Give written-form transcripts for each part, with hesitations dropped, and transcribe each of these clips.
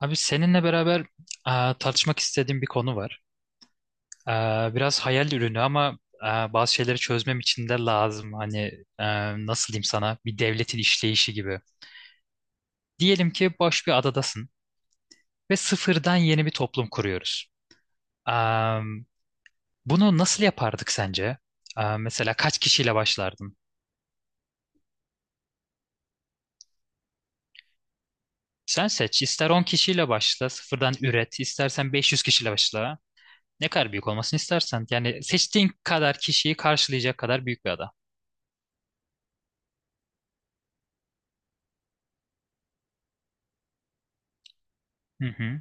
Abi seninle beraber tartışmak istediğim bir konu var. E, Biraz hayal ürünü ama bazı şeyleri çözmem için de lazım. Hani e, nasıl diyeyim sana bir devletin işleyişi gibi. Diyelim ki boş bir adadasın ve sıfırdan yeni bir toplum kuruyoruz. E, Bunu nasıl yapardık sence? Mesela kaç kişiyle başlardın? Sen seç. İster 10 kişiyle başla, sıfırdan üret. İstersen 500 kişiyle başla. Ne kadar büyük olmasını istersen. Yani seçtiğin kadar kişiyi karşılayacak kadar büyük bir ada. Hı hı.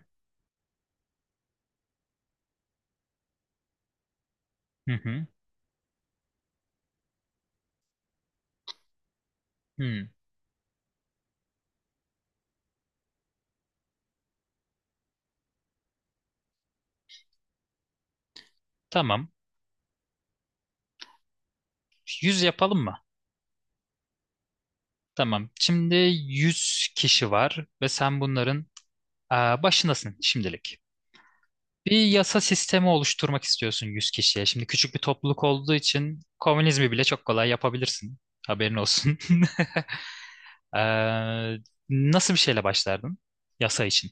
Hı hı. Hı. Tamam. Yüz yapalım mı? Tamam. Şimdi 100 kişi var ve sen bunların başındasın şimdilik. Bir yasa sistemi oluşturmak istiyorsun 100 kişiye. Şimdi küçük bir topluluk olduğu için komünizmi bile çok kolay yapabilirsin. Haberin olsun. Ee, Nasıl bir şeyle başlardın yasa için?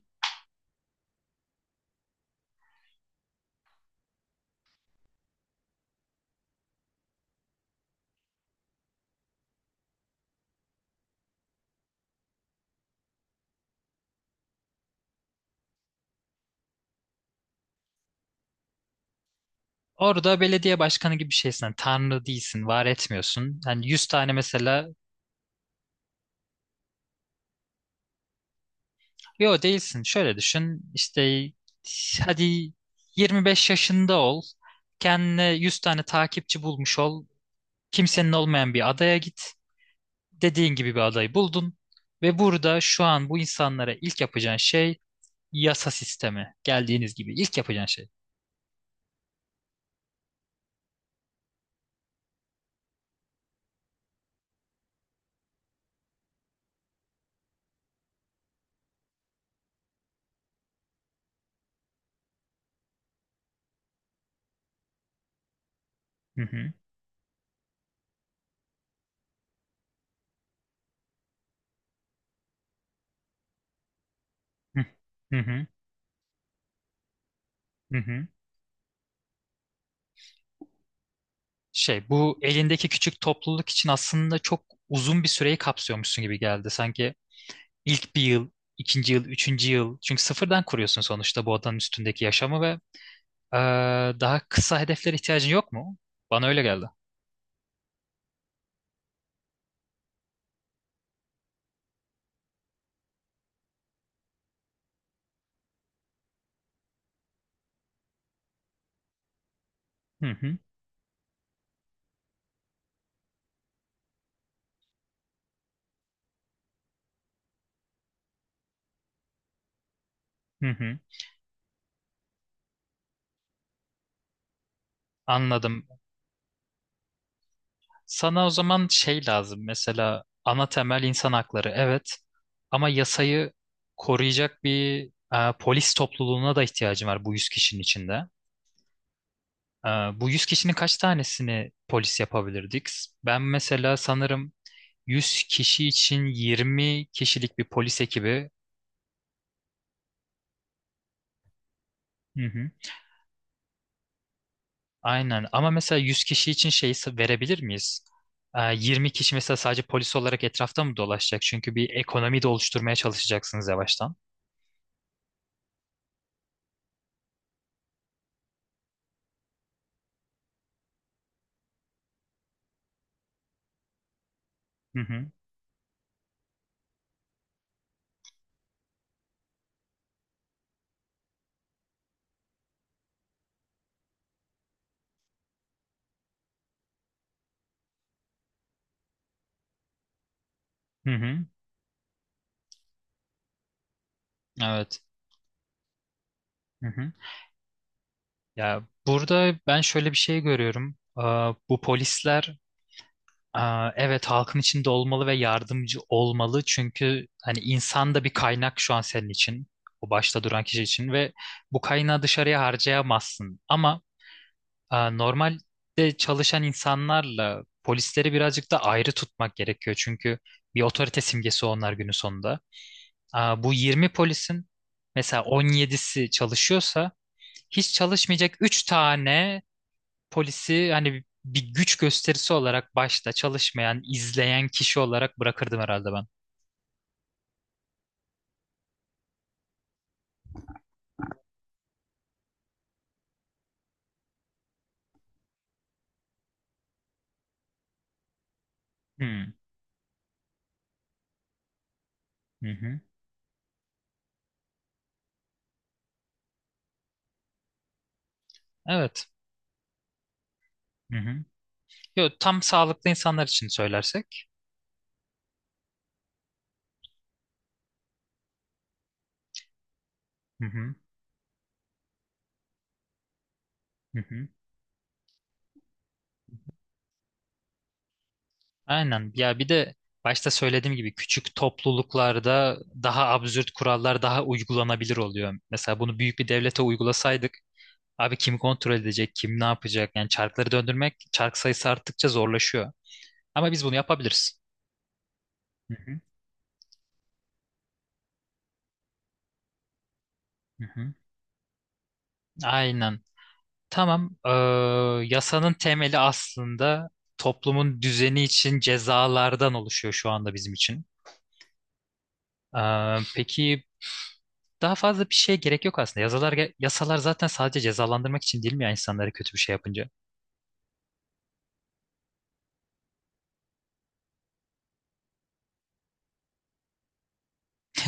Orada belediye başkanı gibi bir şeysin. Yani tanrı değilsin, var etmiyorsun. Yani 100 tane mesela. Yo, değilsin. Şöyle düşün. İşte hadi 25 yaşında ol. Kendine 100 tane takipçi bulmuş ol. Kimsenin olmayan bir adaya git. Dediğin gibi bir adayı buldun. Ve burada şu an bu insanlara ilk yapacağın şey yasa sistemi. Geldiğiniz gibi ilk yapacağın şey. Hı hı. Hı hı. Hı, hı hı. Bu elindeki küçük topluluk için aslında çok uzun bir süreyi kapsıyormuşsun gibi geldi. Sanki İlk bir yıl, ikinci yıl, üçüncü yıl. Çünkü sıfırdan kuruyorsun sonuçta bu adanın üstündeki yaşamı ve eee, daha kısa hedeflere ihtiyacın yok mu? Bana öyle geldi. Hı hı, hı hı. Anladım. Sana o zaman şey lazım. Mesela ana temel insan hakları. Evet. Ama yasayı koruyacak bir polis topluluğuna da ihtiyacın var bu 100 kişinin içinde. Bu 100 kişinin kaç tanesini polis yapabilirdik? Ben mesela sanırım 100 kişi için 20 kişilik bir polis ekibi. Hı hı. Aynen ama mesela 100 kişi için şey verebilir miyiz? 20 kişi mesela sadece polis olarak etrafta mı dolaşacak? Çünkü bir ekonomi de oluşturmaya çalışacaksınız yavaştan. Hı hı. Hı hı. Evet. Hı hı. Ya burada ben şöyle bir şey görüyorum. Bu polisler Evet, halkın içinde olmalı ve yardımcı olmalı çünkü hani insan da bir kaynak şu an senin için, o başta duran kişi için. Ve bu kaynağı dışarıya harcayamazsın ama normalde çalışan insanlarla polisleri birazcık da ayrı tutmak gerekiyor çünkü bir otorite simgesi onlar günün sonunda. Bu 20 polisin mesela 17'si çalışıyorsa hiç çalışmayacak 3 tane polisi hani bir güç gösterisi olarak başta çalışmayan, izleyen kişi olarak bırakırdım herhalde ben. Hmm. Hı hı. Evet. Hı hı. Yo, tam sağlıklı insanlar için söylersek. Hı hı. Hı hı. Aynen. Ya bir de başta söylediğim gibi küçük topluluklarda daha absürt kurallar daha uygulanabilir oluyor. Mesela bunu büyük bir devlete uygulasaydık abi kim kontrol edecek, kim ne yapacak? Yani çarkları döndürmek çark sayısı arttıkça zorlaşıyor. Ama biz bunu yapabiliriz. Hı hı. Hı hı. Aynen. Tamam. Yasanın temeli aslında toplumun düzeni için cezalardan oluşuyor şu anda bizim için. Peki, daha fazla bir şeye gerek yok aslında. Yasalar, yasalar zaten sadece cezalandırmak için değil mi ya insanları kötü bir şey yapınca?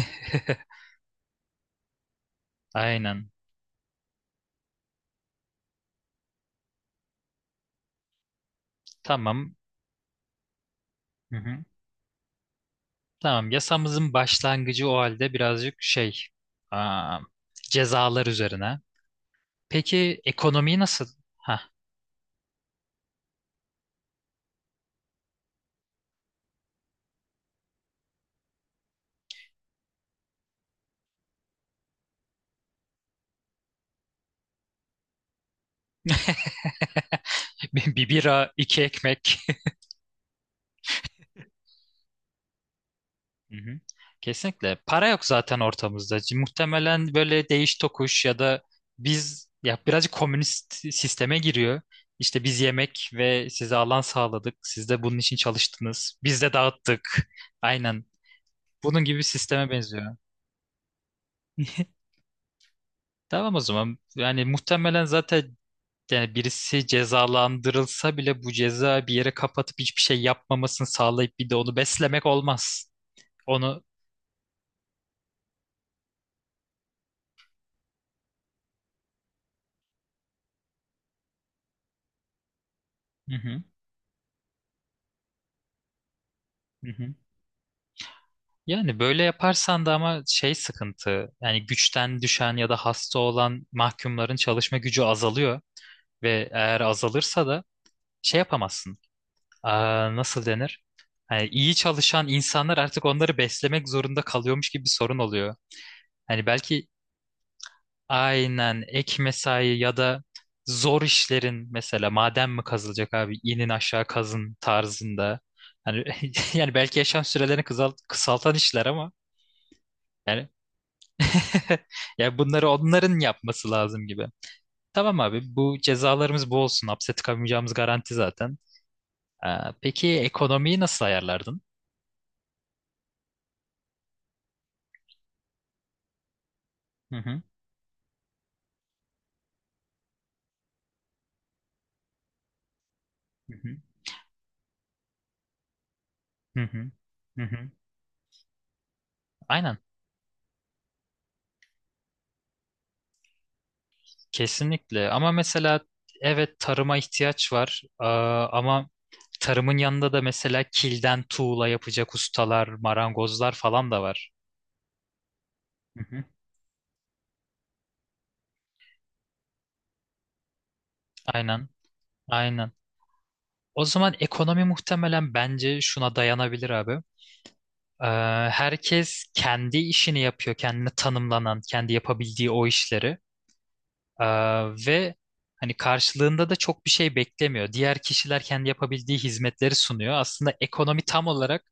Aynen. Tamam. Hı hı. Tamam. Yasamızın başlangıcı o halde birazcık aa, cezalar üzerine. Peki ekonomiyi nasıl? Ha. Bir bira, iki ekmek. Hı hı. Kesinlikle. Para yok zaten ortamızda. Muhtemelen böyle değiş tokuş ya da biz ya birazcık komünist sisteme giriyor. İşte biz yemek ve size alan sağladık. Siz de bunun için çalıştınız. Biz de dağıttık. Aynen. Bunun gibi bir sisteme benziyor. Tamam o zaman. Yani muhtemelen zaten yani birisi cezalandırılsa bile bu ceza bir yere kapatıp hiçbir şey yapmamasını sağlayıp bir de onu beslemek olmaz. Onu. Hı hı. Hı hı. Yani böyle yaparsan da ama sıkıntı yani güçten düşen ya da hasta olan mahkumların çalışma gücü azalıyor ve eğer azalırsa da şey yapamazsın. Nasıl denir? Hani iyi çalışan insanlar artık onları beslemek zorunda kalıyormuş gibi bir sorun oluyor. Hani belki, aynen, ek mesai ya da zor işlerin, mesela maden mi kazılacak abi, inin aşağı kazın tarzında. Hani yani belki yaşam sürelerini kısaltan işler ama yani. Ya bunları onların yapması lazım gibi. Tamam abi, bu cezalarımız bu olsun. Hapse tıkamayacağımız garanti zaten. Ee, peki ekonomiyi nasıl ayarlardın? Hı hı. Hı hı. Hı hı. Hı hı. Aynen. Kesinlikle. Ama mesela evet, tarıma ihtiyaç var. Ama tarımın yanında da mesela kilden tuğla yapacak ustalar, marangozlar falan da var. Hı hı. Aynen. Aynen. O zaman ekonomi muhtemelen bence şuna dayanabilir abi. Ee, Herkes kendi işini yapıyor, kendine tanımlanan, kendi yapabildiği o işleri. Ee, Ve hani karşılığında da çok bir şey beklemiyor. Diğer kişiler kendi yapabildiği hizmetleri sunuyor. Aslında ekonomi tam olarak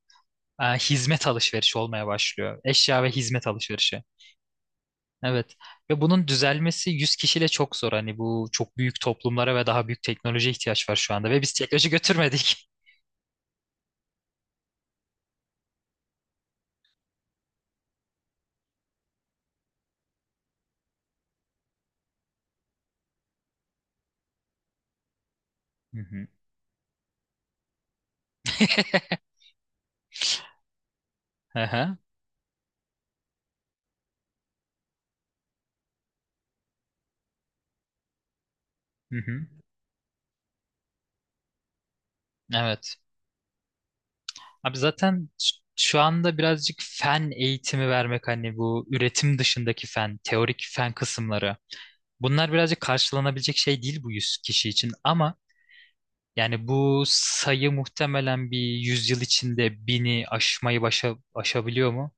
hizmet alışverişi olmaya başlıyor. Eşya ve hizmet alışverişi. Evet. Ve bunun düzelmesi 100 kişiyle çok zor. Hani bu çok büyük toplumlara ve daha büyük teknolojiye ihtiyaç var şu anda. Ve biz teknoloji götürmedik. Hı hı. Hı hı. Hı hı. Evet. Abi zaten şu anda birazcık fen eğitimi vermek hani bu üretim dışındaki fen, teorik fen kısımları. Bunlar birazcık karşılanabilecek şey değil bu 100 kişi için ama yani bu sayı muhtemelen bir 100 yıl içinde bini aşmayı aşabiliyor mu?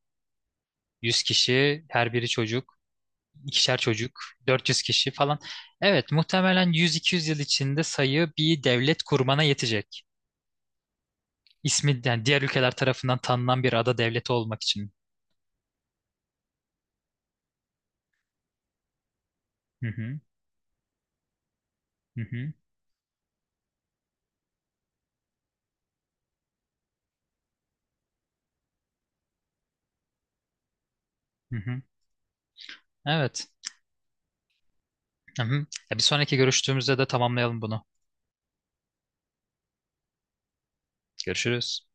Yüz kişi, her biri çocuk, 2'şer çocuk, 400 kişi falan. Evet, muhtemelen 100-200 yıl içinde sayı bir devlet kurmana yetecek. İsmi yani diğer ülkeler tarafından tanınan bir ada devleti olmak için. Hı hı. Hı hı, hı hı. Evet. Hı hı. Ya bir sonraki görüştüğümüzde de tamamlayalım bunu. Görüşürüz.